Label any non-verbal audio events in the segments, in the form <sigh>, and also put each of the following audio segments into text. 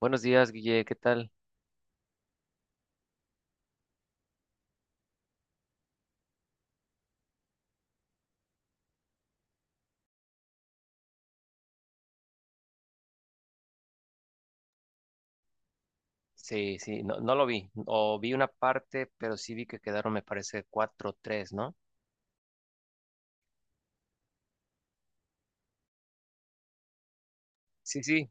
Buenos días, Guille, ¿qué tal? Sí, sí, no, no lo vi, o vi una parte, pero sí vi que quedaron, me parece, cuatro tres, ¿no? Sí, sí,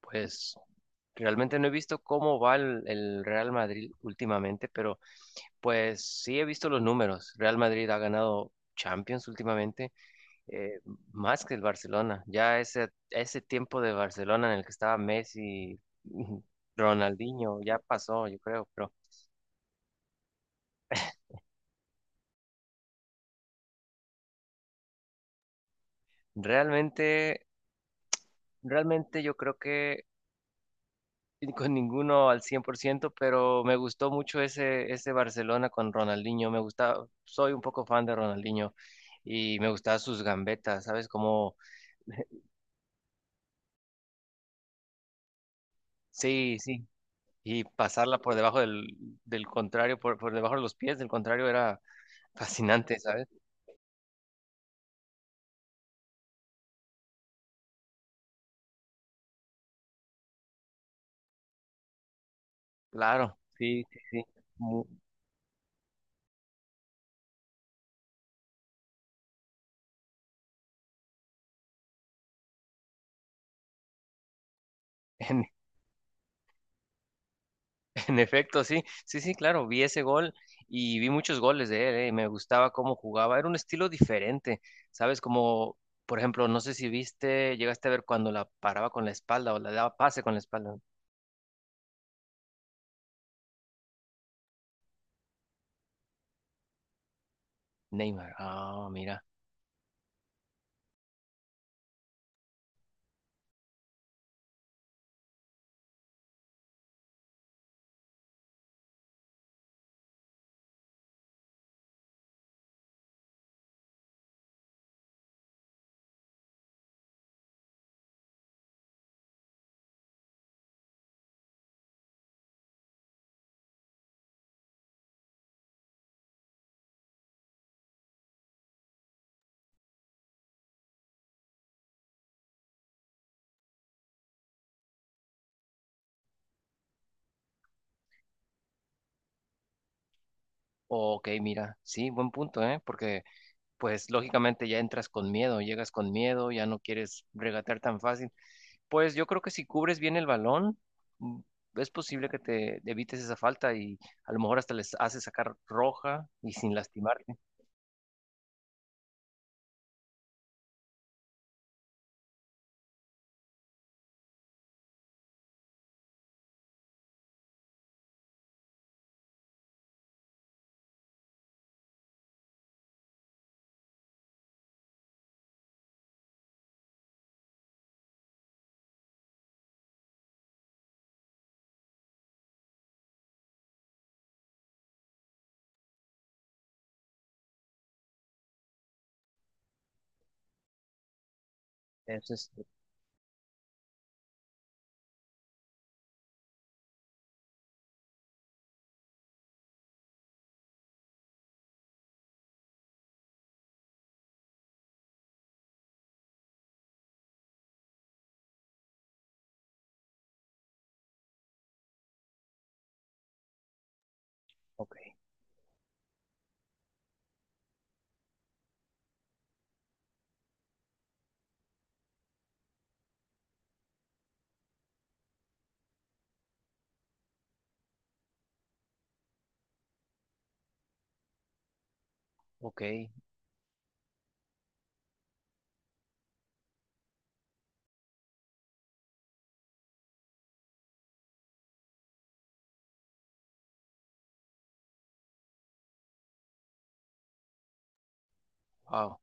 pues realmente no he visto cómo va el Real Madrid últimamente, pero pues sí he visto los números. Real Madrid ha ganado Champions últimamente, eh, más que el Barcelona. Ya ese tiempo de Barcelona en el que estaba Messi, <laughs> Ronaldinho, ya pasó, yo creo, pero realmente, realmente yo creo que <laughs> con ninguno al cien por ciento, pero me gustó mucho ese Barcelona con Ronaldinho. Me gusta, soy un poco fan de Ronaldinho y me gustaban sus gambetas, ¿sabes? Como, <laughs> sí, sí, y pasarla por debajo del contrario, por debajo de los pies del contrario era fascinante, ¿sabes? Claro, sí, sí, sí. Mu- <laughs> En efecto, sí, sí, sí, claro, vi ese gol y vi muchos goles de él, y me gustaba cómo jugaba, era un estilo diferente, ¿sabes? Como, por ejemplo, no sé si viste, llegaste a ver cuando la paraba con la espalda o la daba pase con la espalda. Neymar, ah, mira, ok, mira, sí, buen punto, ¿eh? Porque, pues, lógicamente ya entras con miedo, llegas con miedo, ya no quieres regatear tan fácil. Pues yo creo que si cubres bien el balón, mm, es posible que te evites esa falta y a lo mejor hasta les haces sacar roja y sin lastimarte. Eso es, este, ok, ok, wow.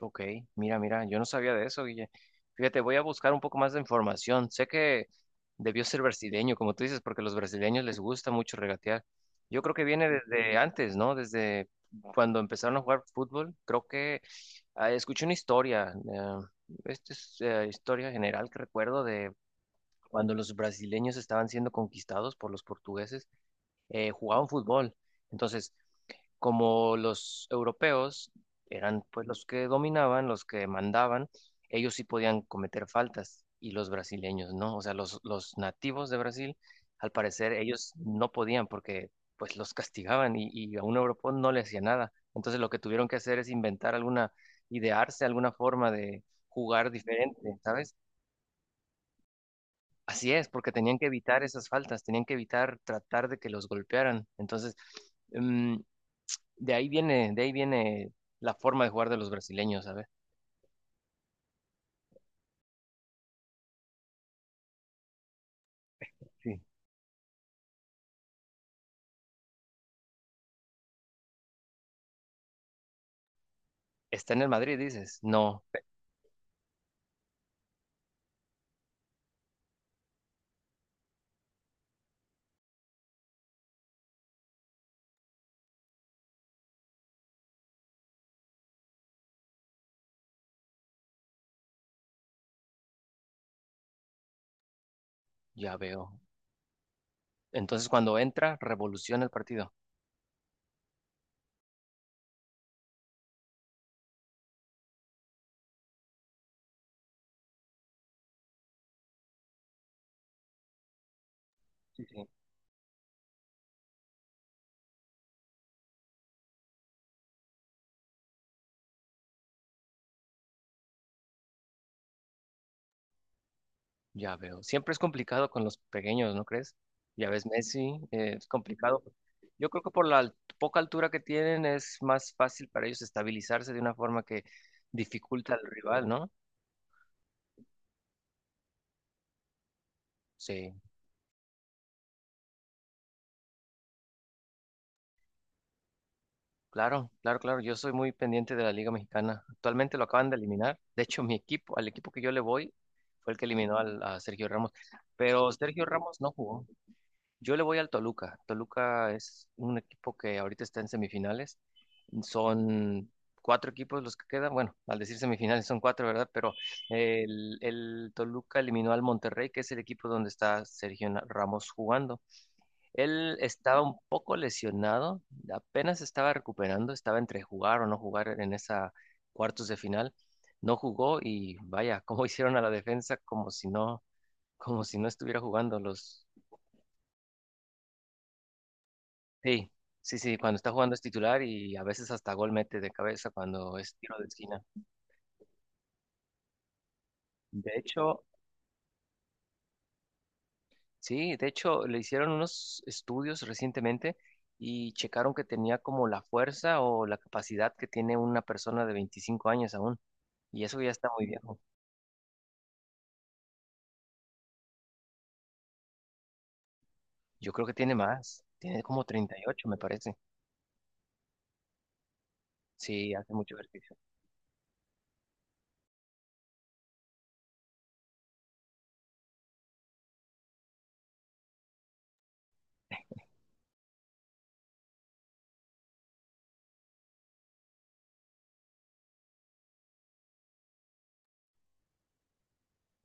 Ok, mira, mira, yo no sabía de eso, Guille. Fíjate, voy a buscar un poco más de información. Sé que debió ser brasileño, como tú dices, porque a los brasileños les gusta mucho regatear. Yo creo que viene desde antes, ¿no? Desde cuando empezaron a jugar fútbol. Creo que ah, escuché una historia, esta es historia general que recuerdo de cuando los brasileños estaban siendo conquistados por los portugueses, jugaban fútbol. Entonces, como los europeos eran pues los que dominaban, los que mandaban, ellos sí podían cometer faltas y los brasileños no. O sea, los nativos de Brasil, al parecer, ellos no podían porque pues los castigaban y a un europeo no le hacía nada. Entonces lo que tuvieron que hacer es inventar alguna, idearse alguna forma de jugar diferente, ¿sabes? Así es, porque tenían que evitar esas faltas, tenían que evitar tratar de que los golpearan. Entonces, mm, de ahí viene la forma de jugar de los brasileños, ¿sabes? Sí. Está en el Madrid, dices, no, ya veo. Entonces cuando entra, revoluciona el partido. Sí, sí. Ya veo. Siempre es complicado con los pequeños, ¿no crees? Ya ves, Messi, es complicado. Yo creo que por la poca altura que tienen es más fácil para ellos estabilizarse de una forma que dificulta al rival, ¿no? Sí. Claro, claro, claro. Yo soy muy pendiente de la Liga Mexicana. Actualmente lo acaban de eliminar. De hecho, mi equipo, al equipo que yo le voy, fue el que eliminó a Sergio Ramos. Pero Sergio Ramos no jugó. Yo le voy al Toluca. Toluca es un equipo que ahorita está en semifinales. Son cuatro equipos los que quedan. Bueno, al decir semifinales son cuatro, ¿verdad? Pero el Toluca eliminó al Monterrey, que es el equipo donde está Sergio Ramos jugando. Él estaba un poco lesionado, apenas estaba recuperando, estaba entre jugar o no jugar en esa cuartos de final. No jugó y vaya, <laughs> cómo hicieron a la defensa como si no estuviera jugando los. Sí, sí, sí, cuando está jugando es titular y a veces hasta gol mete de cabeza cuando es tiro de esquina. De hecho, sí, de hecho le hicieron unos estudios recientemente y checaron que tenía como la fuerza o la capacidad que tiene una persona de 25 años aún. Y eso ya está muy viejo. Yo creo que tiene más. Tiene como treinta y ocho, me parece. Sí, hace mucho ejercicio.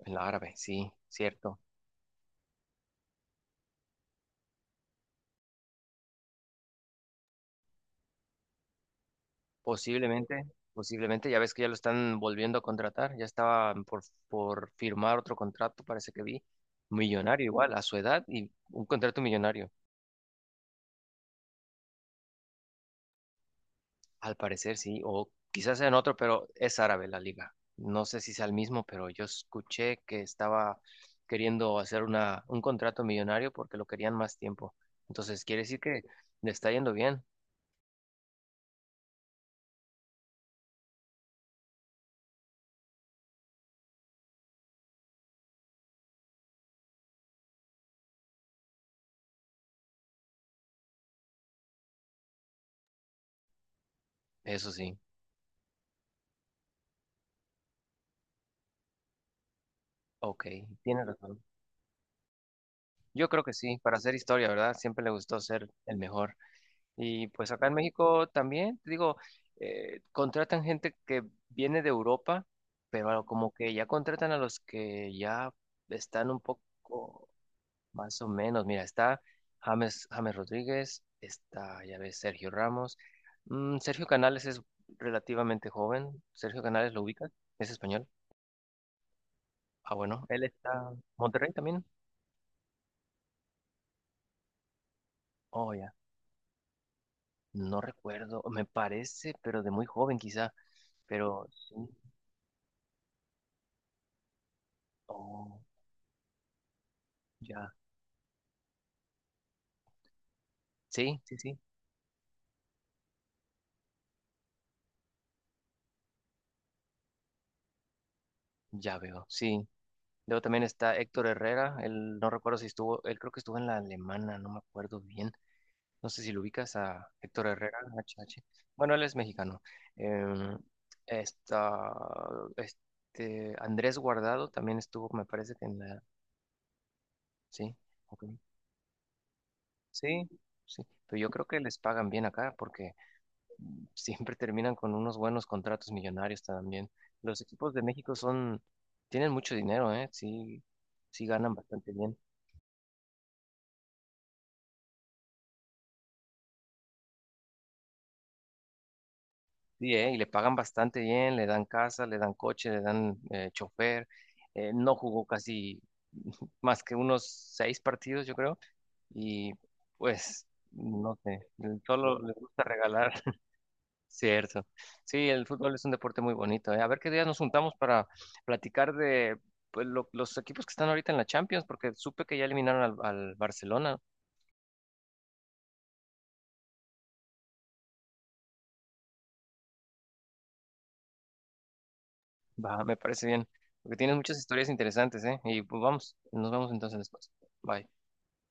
El árabe, sí, cierto. Posiblemente, posiblemente, ya ves que ya lo están volviendo a contratar. Ya estaba por firmar otro contrato, parece que vi. Millonario igual, a su edad y un contrato millonario. Al parecer sí, o quizás en otro, pero es árabe la liga. No sé si sea el mismo, pero yo escuché que estaba queriendo hacer una, un contrato millonario porque lo querían más tiempo. Entonces, quiere decir que le está yendo bien. Eso sí. Ok, tiene razón. Yo creo que sí, para hacer historia, ¿verdad? Siempre le gustó ser el mejor. Y pues acá en México también, te digo, contratan gente que viene de Europa, pero como que ya contratan a los que ya están un poco. Más o menos, mira, está James, James Rodríguez, está, ya ves, Sergio Ramos. Mm, Sergio Canales es relativamente joven. Sergio Canales lo ubica, es español. Ah, bueno, él está Monterrey también. Oh, ya. No recuerdo, me parece, pero de muy joven quizá. Pero sí, oh, ya. Sí, sí, sí, ya veo, sí. Luego también está Héctor Herrera, él no recuerdo si estuvo, él creo que estuvo en la alemana, no me acuerdo bien. No sé si lo ubicas a Héctor Herrera, HH. Bueno, él es mexicano. Em, está, este, Andrés Guardado también estuvo, me parece que en la... Sí, ok. Sí, sí. Pero yo creo que les pagan bien acá porque <laughs> siempre terminan con unos buenos contratos millonarios también. Los equipos de México son, tienen mucho dinero, ¿eh? Sí, sí ganan bastante bien. Sí, y le pagan bastante bien, le dan casa, le dan coche, le dan chofer. No jugó casi <laughs> más que unos seis partidos, yo creo. Y pues, no sé, solo les gusta regalar. <laughs> Cierto. Sí, el fútbol es un deporte muy bonito. A ver qué día nos juntamos para platicar de pues, los equipos que están ahorita en la Champions, porque supe que ya eliminaron al Barcelona. Va, me parece bien, porque tienes muchas historias interesantes, ¿eh? Y pues vamos, nos vemos entonces después. Bye.